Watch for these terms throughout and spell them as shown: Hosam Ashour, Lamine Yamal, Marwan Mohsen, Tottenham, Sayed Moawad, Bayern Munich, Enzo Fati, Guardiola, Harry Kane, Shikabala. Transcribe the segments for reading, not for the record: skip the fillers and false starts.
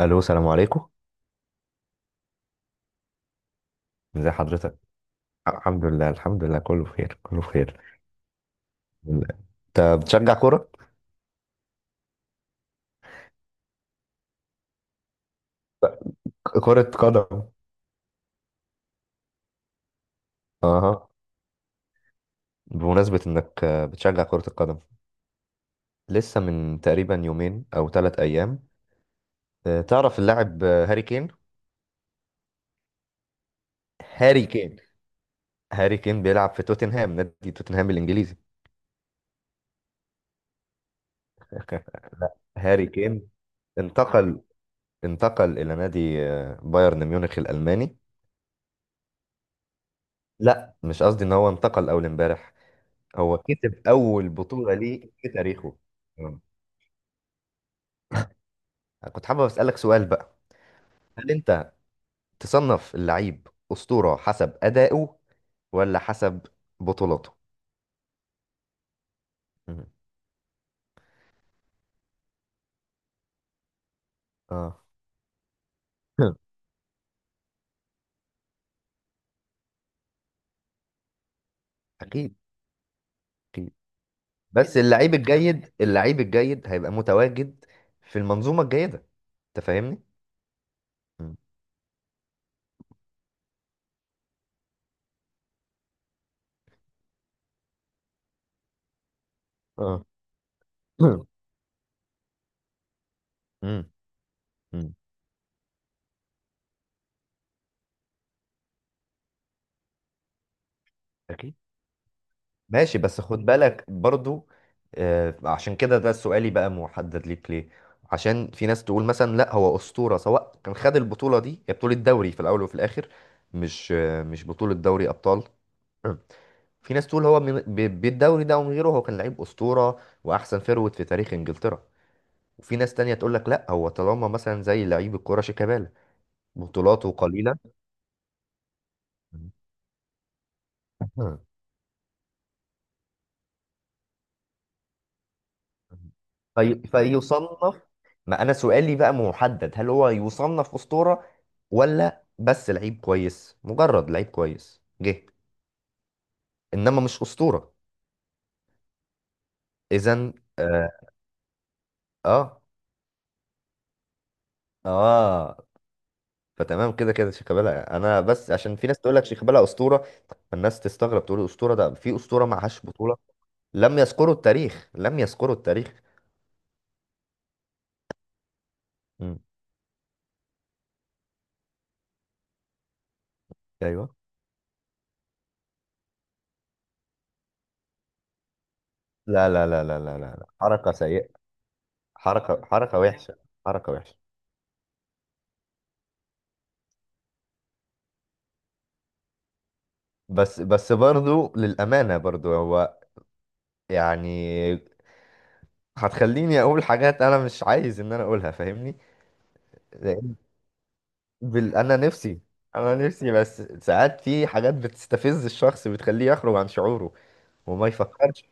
الو، السلام عليكم. ازي حضرتك؟ الحمد لله، الحمد لله، كله بخير، كله بخير. انت بتشجع كرة؟ كرة قدم. اها. بمناسبة انك بتشجع كرة القدم، لسه من تقريبا يومين او 3 ايام، تعرف اللاعب هاري كين؟ هاري كين. هاري كين بيلعب في توتنهام، نادي توتنهام الانجليزي. هاري كين انتقل انتقل الى نادي بايرن ميونخ الالماني. لا، مش قصدي ان هو انتقل اول امبارح. هو كسب أول بطولة ليه في تاريخه. آه. كنت حابب أسألك سؤال بقى. هل أنت تصنف اللعيب أسطورة حسب أدائه ولا حسب بطولاته؟ مم. اه. أكيد، أكيد. بس اللعيب الجيد، اللعيب الجيد هيبقى متواجد في المنظومة الجيدة. أنت فاهمني؟ مم. اه. مم. مم. أكيد. ماشي، بس خد بالك برضو، عشان كده ده سؤالي بقى محدد ليك ليه. عشان في ناس تقول مثلا لا، هو أسطورة سواء كان خد البطولة دي، هي بطولة دوري في الأول وفي الآخر، مش بطولة دوري أبطال. في ناس تقول هو بالدوري ده ومن غيره هو كان لعيب أسطورة وأحسن فيرود في تاريخ إنجلترا. وفي ناس تانية تقول لك لا، هو طالما مثلا زي لعيب الكرة شيكابالا بطولاته قليلة. فيصنف. ما انا سؤالي بقى محدد، هل هو يصنف اسطورة ولا بس لعيب كويس، مجرد لعيب كويس جه انما مش اسطورة. اذا. اه، اه. آه. فتمام، كده كده شيكابالا. انا بس عشان في ناس تقول لك شيكابالا اسطورة، فالناس تستغرب، تقول اسطورة ده؟ في اسطورة معهاش بطولة؟ لم يذكروا التاريخ، لم يذكروا التاريخ. مم. ايوه. لا لا لا لا لا لا لا. حركة سيئة. حركة، حركة وحشة. حركة وحشة. بس برضو للأمانة، برضو هو يعني هتخليني أقول حاجات أنا مش عايز إن أنا أقولها، فاهمني؟ لأن بال... أنا نفسي أنا نفسي بس ساعات في حاجات بتستفز الشخص، بتخليه يخرج عن شعوره وما يفكرش.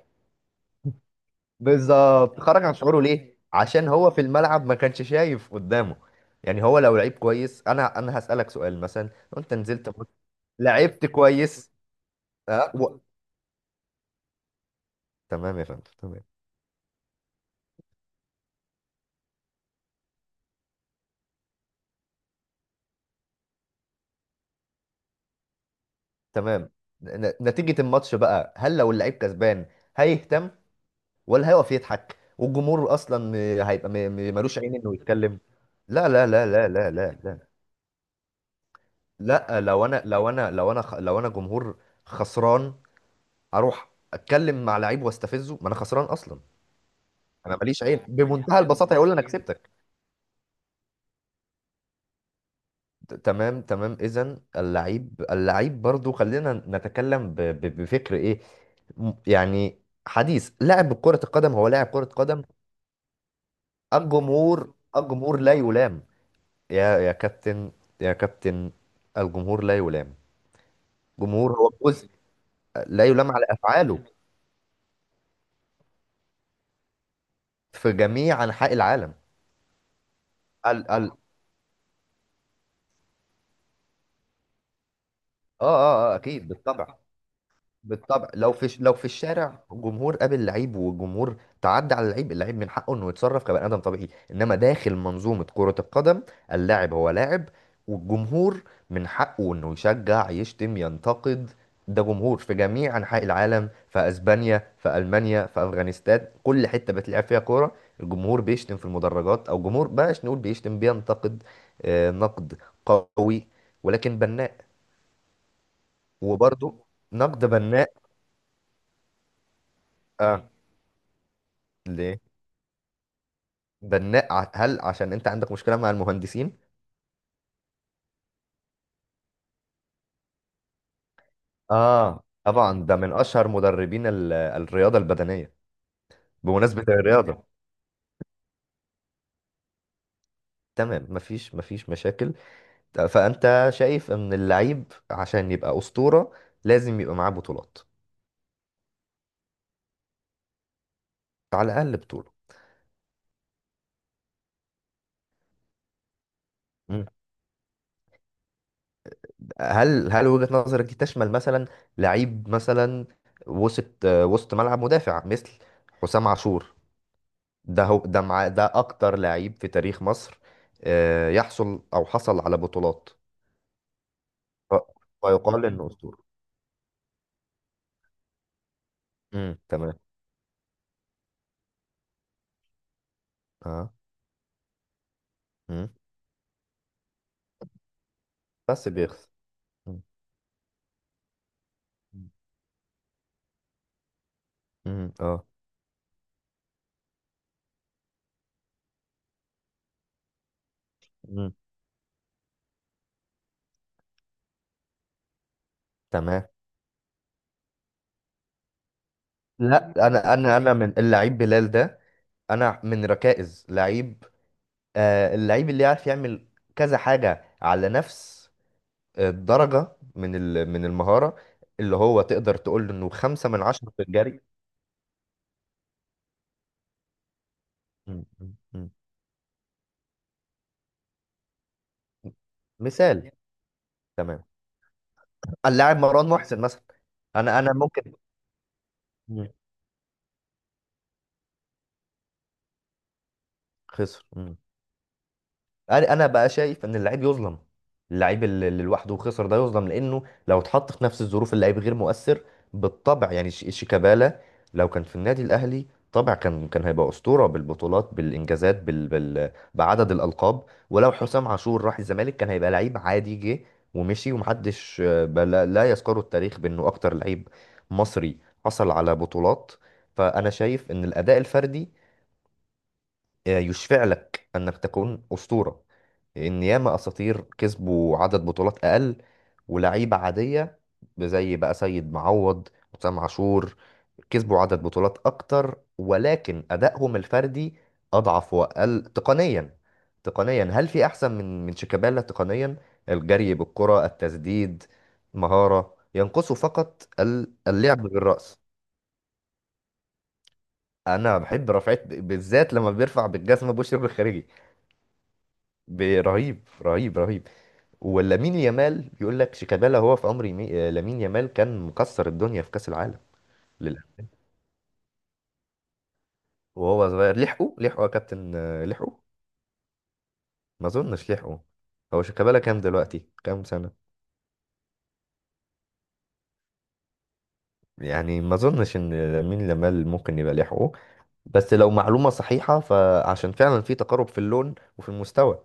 بالظبط، خرج عن شعوره ليه؟ عشان هو في الملعب ما كانش شايف قدامه. يعني هو لو لعيب كويس، أنا هسألك سؤال، مثلا لو أنت نزلت ماتش، لعبت كويس، أه تمام يا فندم، تمام. تمام، نتيجة الماتش بقى، هل لو اللعيب كسبان هيهتم ولا هيقف يضحك؟ والجمهور اصلا هيبقى ملوش عين انه يتكلم. لا لا لا لا لا لا لا لا، لو انا لو انا لو انا خ- لو انا جمهور خسران، اروح اتكلم مع لعيب واستفزه؟ ما انا خسران اصلا. انا ماليش عين بمنتهى البساطة، هيقول لي انا كسبتك. تمام، تمام. اذا اللعيب، اللعيب برضو خلينا نتكلم، بفكر ايه؟ يعني حديث لاعب كرة القدم. هو لاعب كرة قدم. الجمهور، الجمهور لا يلام. يا كابتن، يا كابتن، الجمهور لا يلام. جمهور هو جزء، لا يلام على أفعاله في جميع أنحاء العالم. ال ال آه آه آه أكيد، بالطبع، بالطبع. لو في الشارع جمهور قابل لعيب والجمهور تعدى على اللعيب، اللعيب من حقه انه يتصرف كبني ادم طبيعي. انما داخل منظومه كره القدم، اللاعب هو لاعب، والجمهور من حقه انه يشجع، يشتم، ينتقد. ده جمهور في جميع انحاء العالم، في اسبانيا، في المانيا، في افغانستان. كل حته بتلعب فيها كوره، الجمهور بيشتم في المدرجات. او جمهور بلاش نقول بيشتم، بينتقد. نقد قوي ولكن بناء. وبرضه نقد بناء. آه. ليه؟ بناء، هل عشان انت عندك مشكلة مع المهندسين؟ اه طبعا، ده من اشهر مدربين الرياضة البدنية. بمناسبة الرياضة. تمام، مفيش مشاكل. فانت شايف ان اللعيب عشان يبقى أسطورة لازم يبقى معاه بطولات. على الاقل بطولة. مم. هل وجهة نظرك دي تشمل مثلا لعيب مثلا وسط ملعب، مدافع، مثل حسام عاشور؟ ده هو ده مع ده اكتر لعيب في تاريخ مصر، يحصل او حصل على بطولات ف- فيقال انه اسطوره؟ تمام. اه، امم بس بيخسر. مم. مم. اه. مم. تمام. لا، انا من اللعيب بلال ده. انا من ركائز لعيب، اللعيب اللي يعرف يعمل كذا حاجه على نفس الدرجه من المهاره. اللي هو تقدر تقول انه 5 من 10 في الجري. مم. مم. مم. مثال. تمام، اللاعب مروان محسن مثلا. انا ممكن. مم. خسر. انا بقى شايف ان اللعيب يظلم، اللعيب اللي لوحده خسر ده يظلم، لانه لو اتحط في نفس الظروف اللعيب غير مؤثر. بالطبع يعني شيكابالا لو كان في النادي الاهلي طبعا كان هيبقى اسطوره، بالبطولات، بالانجازات، بعدد الالقاب. ولو حسام عاشور راح الزمالك كان هيبقى لعيب عادي جه ومشي، ومحدش لا يذكره التاريخ بانه اكتر لعيب مصري حصل على بطولات. فانا شايف ان الاداء الفردي يشفع لك انك تكون اسطوره، لان ياما اساطير كسبوا عدد بطولات اقل ولاعيبه عاديه، زي بقى سيد معوض، وسام عاشور، كسبوا عدد بطولات اكتر ولكن ادائهم الفردي اضعف واقل تقنيا. تقنيا، هل في احسن من شيكابالا تقنيا؟ الجري بالكره، التسديد، مهاره، ينقصه فقط اللعب بالراس. انا بحب رفعت بالذات لما بيرفع بالجسم بوش رجله الخارجي، رهيب، رهيب، رهيب. ولامين يامال بيقول لك شيكابالا هو في عمر لامين يامال كان مكسر الدنيا في كأس العالم. للأسف. وهو صغير، لحقه، لحقه يا كابتن، لحقه. ما اظنش لحقه. هو شيكابالا كام دلوقتي؟ كام سنة؟ يعني ما اظنش ان لامين يامال ممكن يبقى لحقه. بس لو معلومة صحيحة فعشان فعلا في تقارب في اللون وفي المستوى.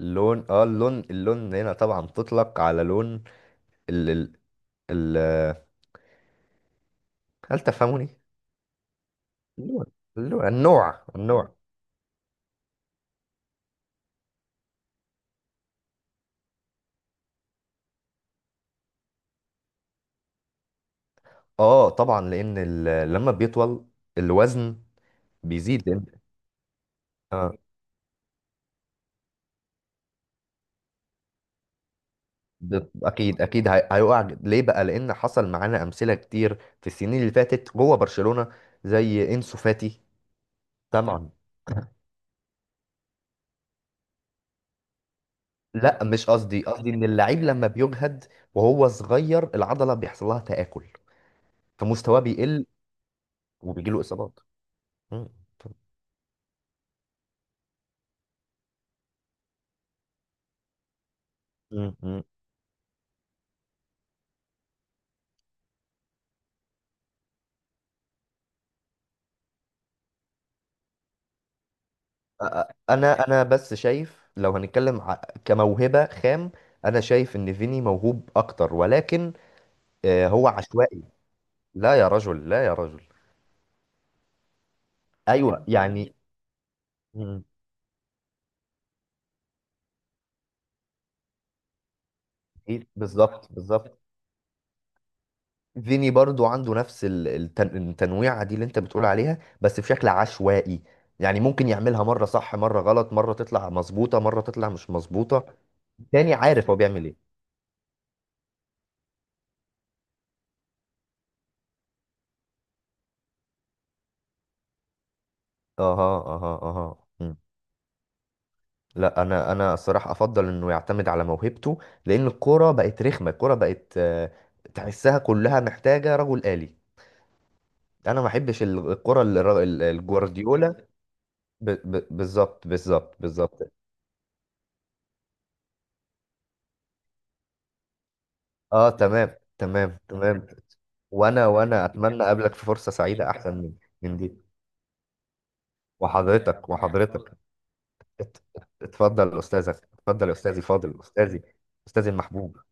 اللون اه اللون اللون هنا طبعا تطلق على لون ال... ال... ال... هل تفهموني؟ اللون، النوع، النوع. اه طبعا، لان لما بيطول الوزن بيزيد. لان آه اكيد، اكيد هيقع ليه بقى، لان حصل معانا امثله كتير في السنين اللي فاتت جوه برشلونه، زي انسو فاتي. طبعا. لا مش قصدي ان اللعيب لما بيجهد وهو صغير العضله بيحصل لها تاكل، فمستواه بيقل وبيجي له اصابات. مم. مم. مم. انا بس شايف لو هنتكلم كموهبه خام، انا شايف ان فيني موهوب اكتر ولكن هو عشوائي. لا يا رجل، لا يا رجل. ايوه يعني. يعني. مم. إيه، بالظبط، بالظبط. فيني برضو عنده نفس التنويعه دي اللي انت بتقول عليها بس بشكل عشوائي. يعني ممكن يعملها مره صح مره غلط، مره تطلع مظبوطه مره تطلع مش مظبوطه. تاني، عارف هو بيعمل ايه. اها، اها، اها. مم. لا، انا الصراحه افضل انه يعتمد على موهبته، لان الكوره بقت رخمه، الكوره بقت آه، تحسها كلها محتاجه رجل آلي. انا ما احبش الكره، الجوارديولا. بالظبط، بالظبط، بالظبط. اه، تمام، تمام، تمام. وانا اتمنى اقابلك في فرصة سعيدة احسن من دي. وحضرتك، وحضرتك. اتفضل استاذك. اتفضل يا استاذي، فاضل استاذي. استاذي المحبوب.